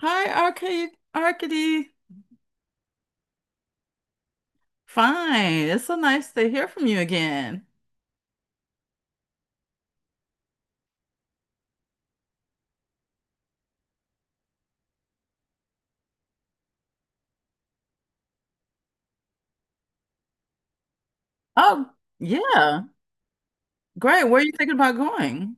Hi, Arcade Arcady. Fine. It's so nice to hear from you again. Oh, yeah. Great. Where are you thinking about going?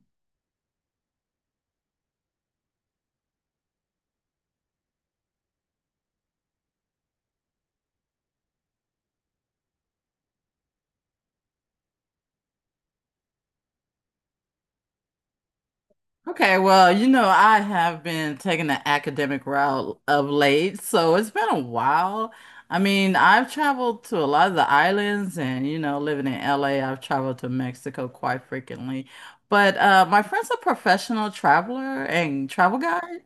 Okay, well, you know, I have been taking the academic route of late, so it's been a while. I mean, I've traveled to a lot of the islands and, you know, living in LA, I've traveled to Mexico quite frequently. But my friend's a professional traveler and travel guide.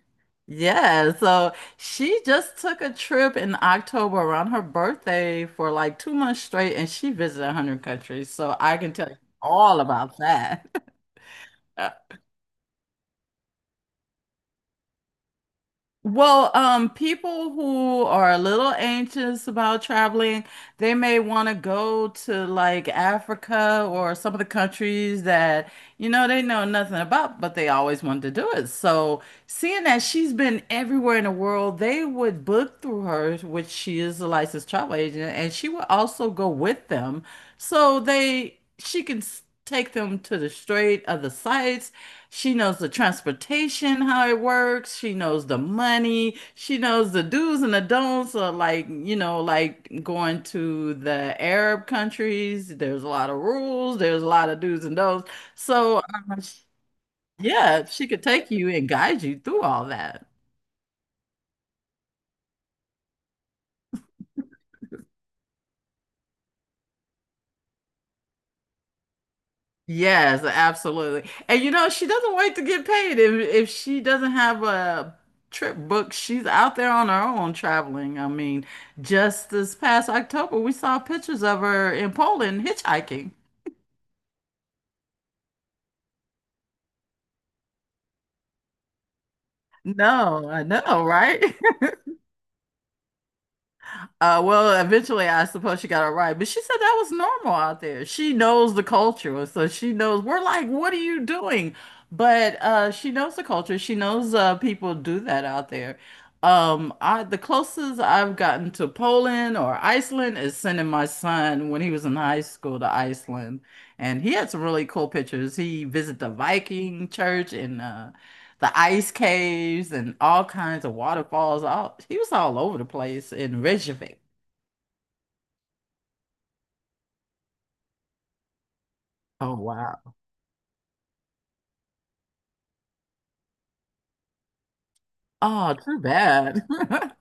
Yeah, so she just took a trip in October around her birthday for like 2 months straight, and she visited 100 countries. So I can tell you all about that. People who are a little anxious about traveling, they may want to go to like Africa or some of the countries that, you know, they know nothing about, but they always wanted to do it. So, seeing that she's been everywhere in the world, they would book through her, which she is a licensed travel agent, and she would also go with them. So they she can take them to the straight of the sights. She knows the transportation, how it works. She knows the money. She knows the do's and the don'ts of like, you know, like going to the Arab countries. There's a lot of rules. There's a lot of do's and don'ts. So, um, yeah, she could take you and guide you through all that. Yes, absolutely. And you know, she doesn't wait to get paid. If she doesn't have a trip booked, she's out there on her own traveling. I mean, just this past October, we saw pictures of her in Poland hitchhiking. No, I know, right? Well, eventually, I suppose she got it right, but she said that was normal out there. She knows the culture, so she knows we're like, what are you doing? But she knows the culture. She knows people do that out there. I the closest I've gotten to Poland or Iceland is sending my son when he was in high school to Iceland, and he had some really cool pictures. He visited the Viking church and the ice caves and all kinds of waterfalls. All he was all over the place in Reykjavik. Oh wow. Oh, too bad.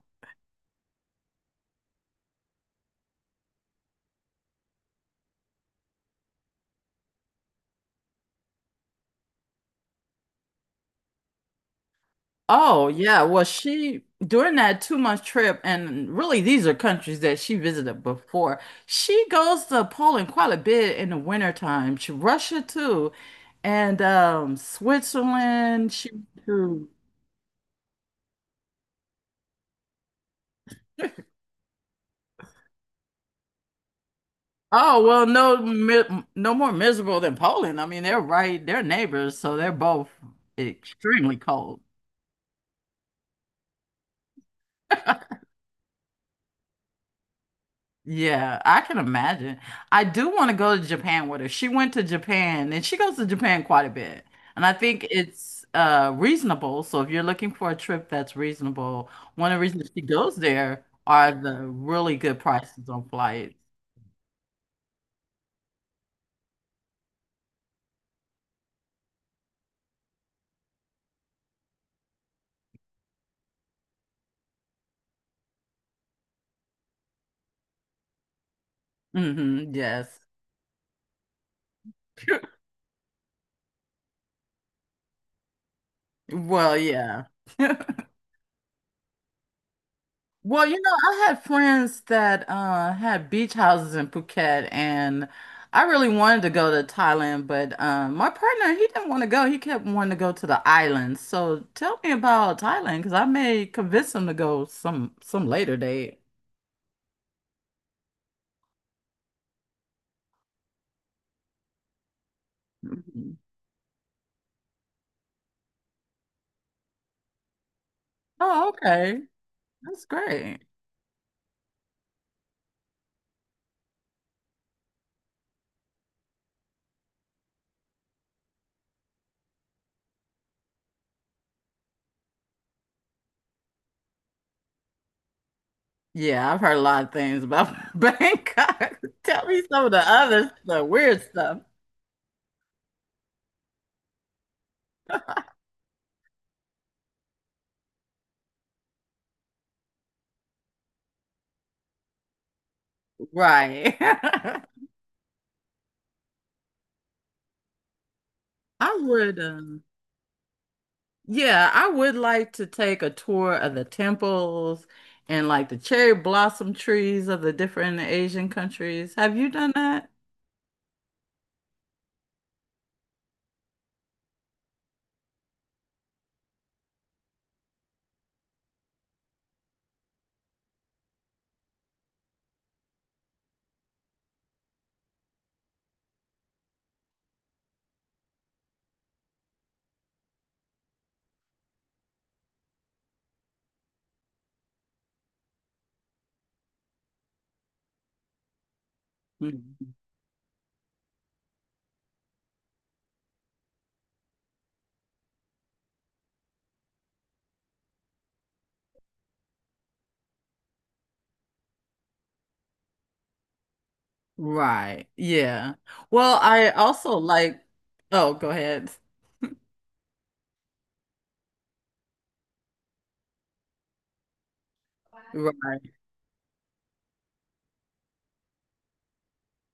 Oh yeah. Well, she during that 2 month trip, and really these are countries that she visited before. She goes to Poland quite a bit in the wintertime. She Russia too, and Switzerland. She too. Oh well, no, mi no more miserable than Poland. I mean, they're right, they're neighbors, so they're both extremely cold. Yeah, I can imagine. I do want to go to Japan with her. She went to Japan and she goes to Japan quite a bit. And I think it's reasonable. So if you're looking for a trip that's reasonable, one of the reasons she goes there are the really good prices on flights. Hmm, yes. Well, yeah. Well, you know, I had friends that had beach houses in Phuket, and I really wanted to go to Thailand, but my partner, he didn't want to go. He kept wanting to go to the islands. So tell me about Thailand, because I may convince him to go some later date. Mhm. Oh, okay. That's great. Yeah, I've heard a lot of things about Bangkok. Tell me some of the other stuff, weird stuff. Right. I would. Yeah, I would like to take a tour of the temples and like the cherry blossom trees of the different Asian countries. Have you done that? Mhm. Right. Yeah. Well, I also like, oh, go ahead.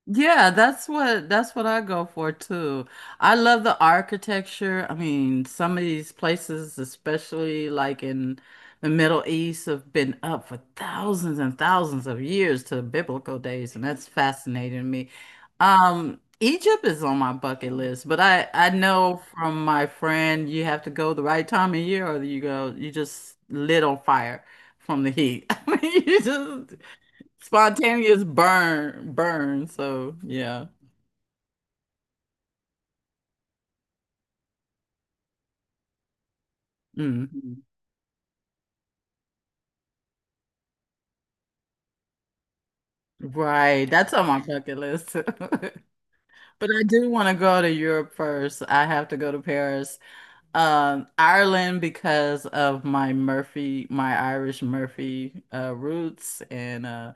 Yeah, that's what I go for too. I love the architecture. I mean, some of these places, especially like in the Middle East, have been up for thousands and thousands of years to the biblical days, and that's fascinating to me. Egypt is on my bucket list, but I know from my friend you have to go the right time of year, or you go you just lit on fire from the heat. I mean, you just spontaneous burn, burn. So yeah. Mhm. Right. That's on my bucket list. But I do want to go to Europe first. I have to go to Paris. Ireland because of my Murphy, my Irish Murphy roots, and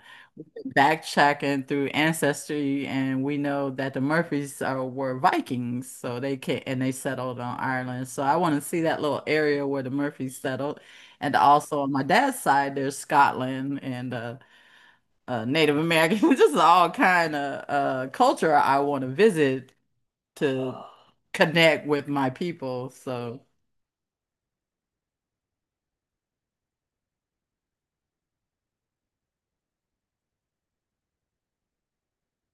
backtracking through ancestry, and we know that the Murphys are were Vikings, so they can and they settled on Ireland. So I want to see that little area where the Murphys settled, and also on my dad's side, there's Scotland and Native American, just all kind of culture I want to visit to connect with my people. So.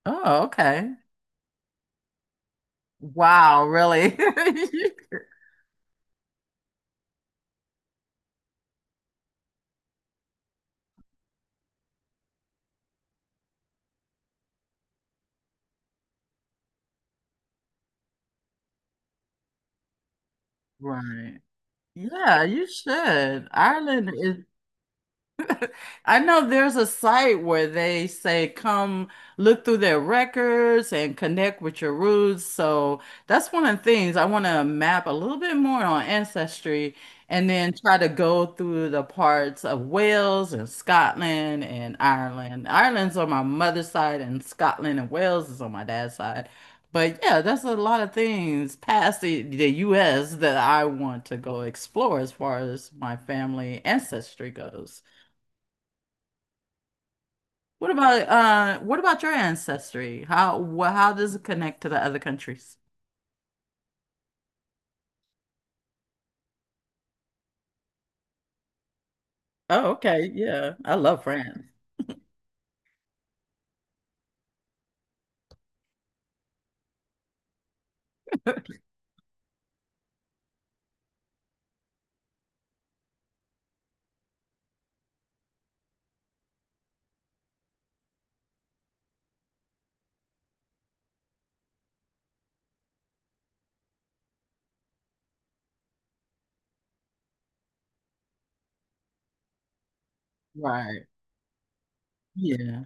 Oh, okay. Wow, really? Right. Yeah, you should. Ireland is I know there's a site where they say come look through their records and connect with your roots. So that's one of the things I want to map a little bit more on ancestry and then try to go through the parts of Wales and Scotland and Ireland. Ireland's on my mother's side and Scotland and Wales is on my dad's side. But yeah, that's a lot of things past the US that I want to go explore as far as my family ancestry goes. What about your ancestry? How does it connect to the other countries? Oh, okay. Yeah. I love France. Right. Yeah.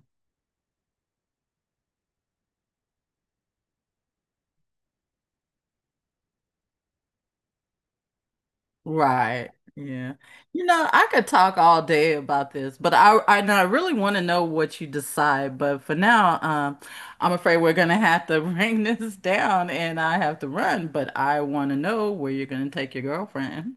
Right. Yeah. You know, I could talk all day about this, but and I really want to know what you decide. I'm afraid we're gonna have to bring this down and I have to run, but I want to know where you're gonna take your girlfriend.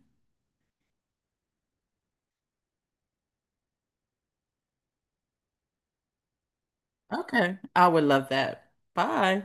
Okay. I would love that. Bye.